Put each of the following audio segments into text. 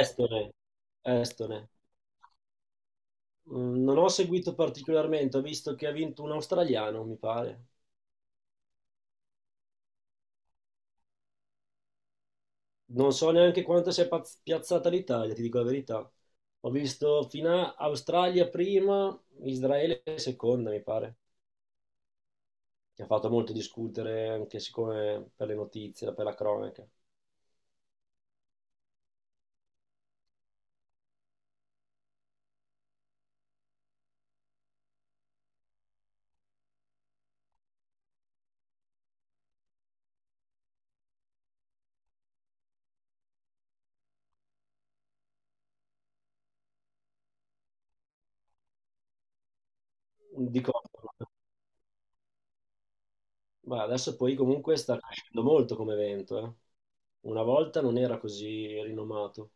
Estone, Estone. Non ho seguito particolarmente, ho visto che ha vinto un australiano, mi pare. Non so neanche quanto si è piazzata l'Italia, ti dico la verità. Ho visto fino a Australia prima, Israele seconda, mi pare, che ha fatto molto discutere anche siccome per le notizie, per la cronaca. Di contro. Ma adesso poi comunque sta crescendo molto come evento, eh. Una volta non era così rinomato.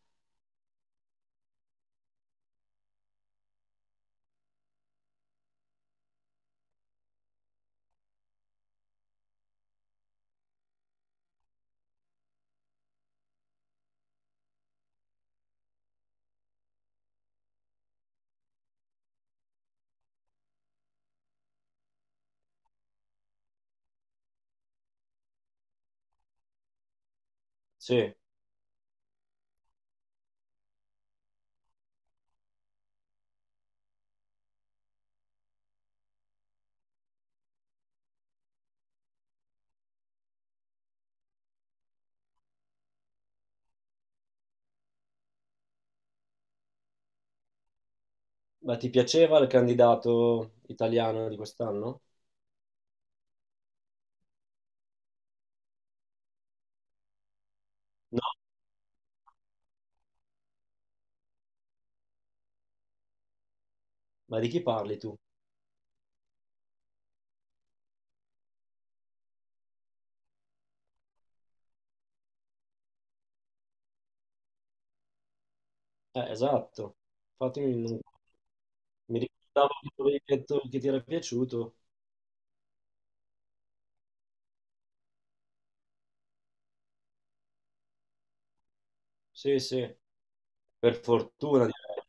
Sì. Ma ti piaceva il candidato italiano di quest'anno? No, ma di chi parli tu? Esatto. Fatemi un... Mi ricordavo che tu avevi detto che ti era piaciuto. Sì, sì, per fortuna, direi.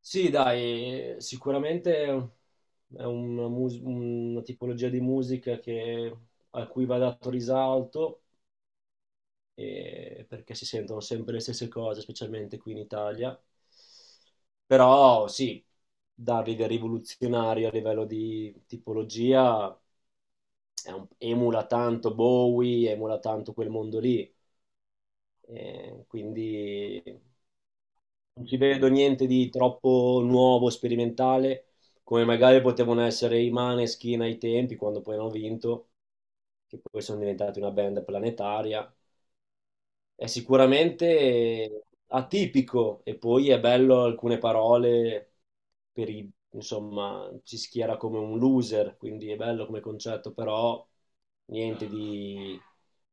Sì, dai, sicuramente è una, una tipologia di musica che a cui va dato risalto, perché si sentono sempre le stesse cose, specialmente qui in Italia. Però sì, dargli del rivoluzionario a livello di tipologia emula tanto Bowie, emula tanto quel mondo lì, quindi non ci vedo niente di troppo nuovo, sperimentale, come magari potevano essere i Maneskin ai tempi, quando poi hanno vinto, che poi sono diventati una band planetaria. È sicuramente atipico e poi è bello alcune parole per i, insomma, ci schiera come un loser, quindi è bello come concetto, però niente di...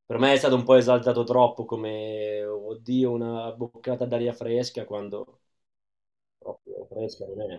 Per me è stato un po' esaltato troppo come, oddio, una boccata d'aria fresca quando proprio fresca non è.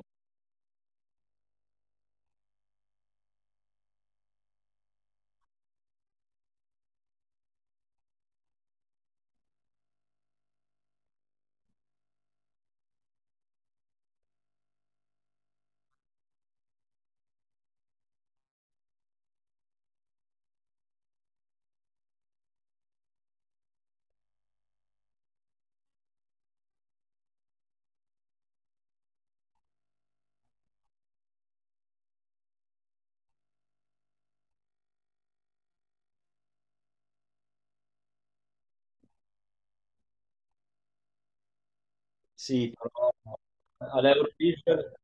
Sì, però all'Eurovision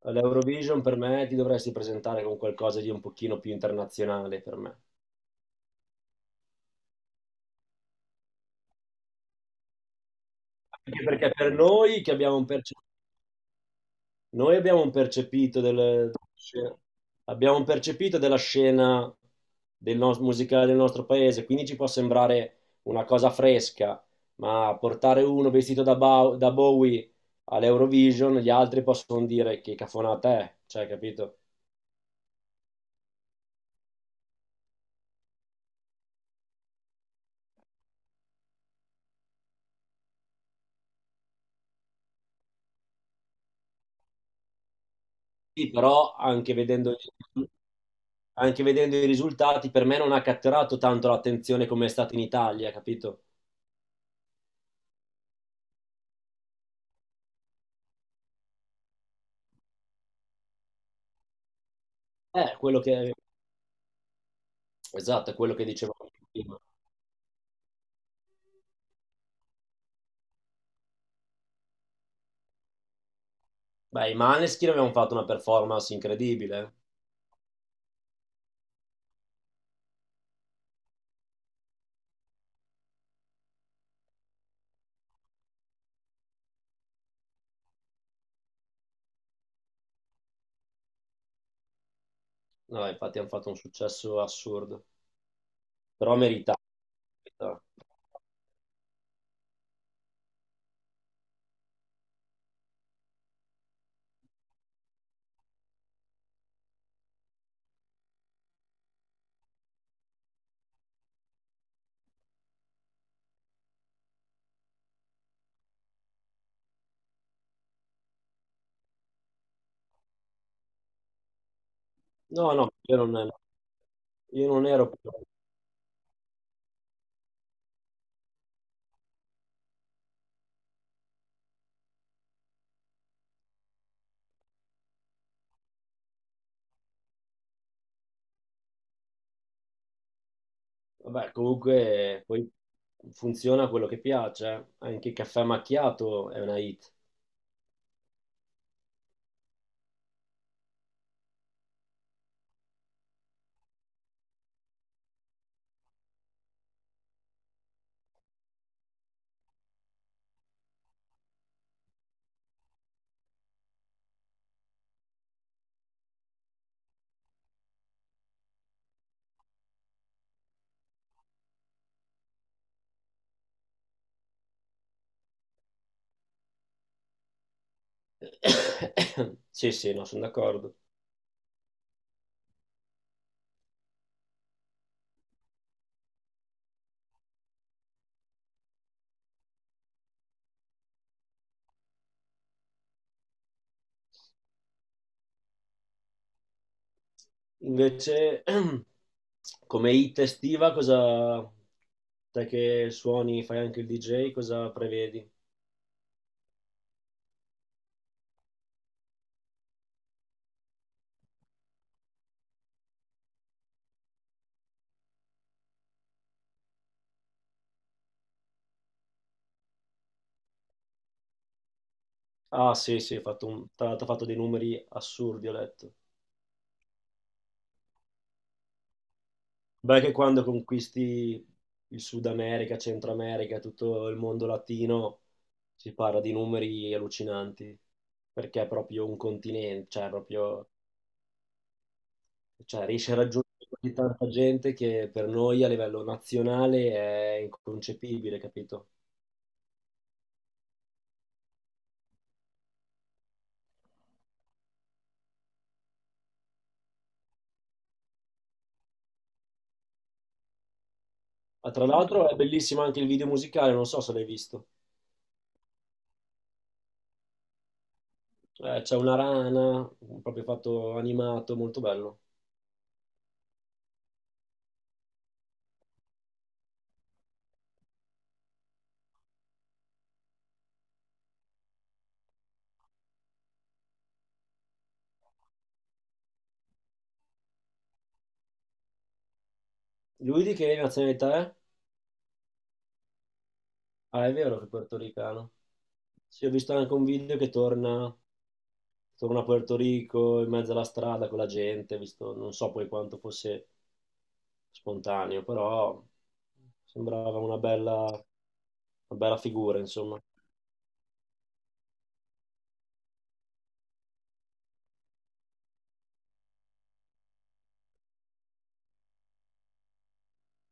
all'Eurovision per me ti dovresti presentare con qualcosa di un pochino più internazionale per me. Anche perché per noi che noi abbiamo un abbiamo un percepito della scena del musicale del nostro paese, quindi ci può sembrare una cosa fresca, ma portare uno vestito da, da Bowie all'Eurovision, gli altri possono dire che cafonata è, cioè, capito? Sì, però anche vedendo i risultati, per me non ha catturato tanto l'attenzione come è stato in Italia, capito? Eh, quello che, esatto, è quello che dicevo prima. Beh, i Maneskin avevano fatto una performance incredibile. No, infatti hanno fatto un successo assurdo, però meritato. No, no, io non ero- Vabbè, comunque poi funziona quello che piace, eh. Anche il caffè macchiato è una hit. Sì, sì, no, sono d'accordo. Invece, come hit estiva, cosa... Te che suoni, fai anche il DJ, cosa prevedi? Ah, sì, sì, tra l'altro ho fatto dei numeri assurdi, ho letto. Beh, che quando conquisti il Sud America, Centro America, tutto il mondo latino, si parla di numeri allucinanti, perché è proprio un continente, cioè proprio, riesce a raggiungere così tanta gente che per noi a livello nazionale è inconcepibile, capito? Ah, tra l'altro è bellissimo anche il video musicale, non so se l'hai visto. C'è una rana, proprio fatto animato, molto bello. Lui di che nazionalità è? Ah, è vero che è portoricano. Sì, ho visto anche un video che torna a Puerto Rico in mezzo alla strada con la gente, ho visto, non so poi quanto fosse spontaneo, però sembrava una una bella figura, insomma.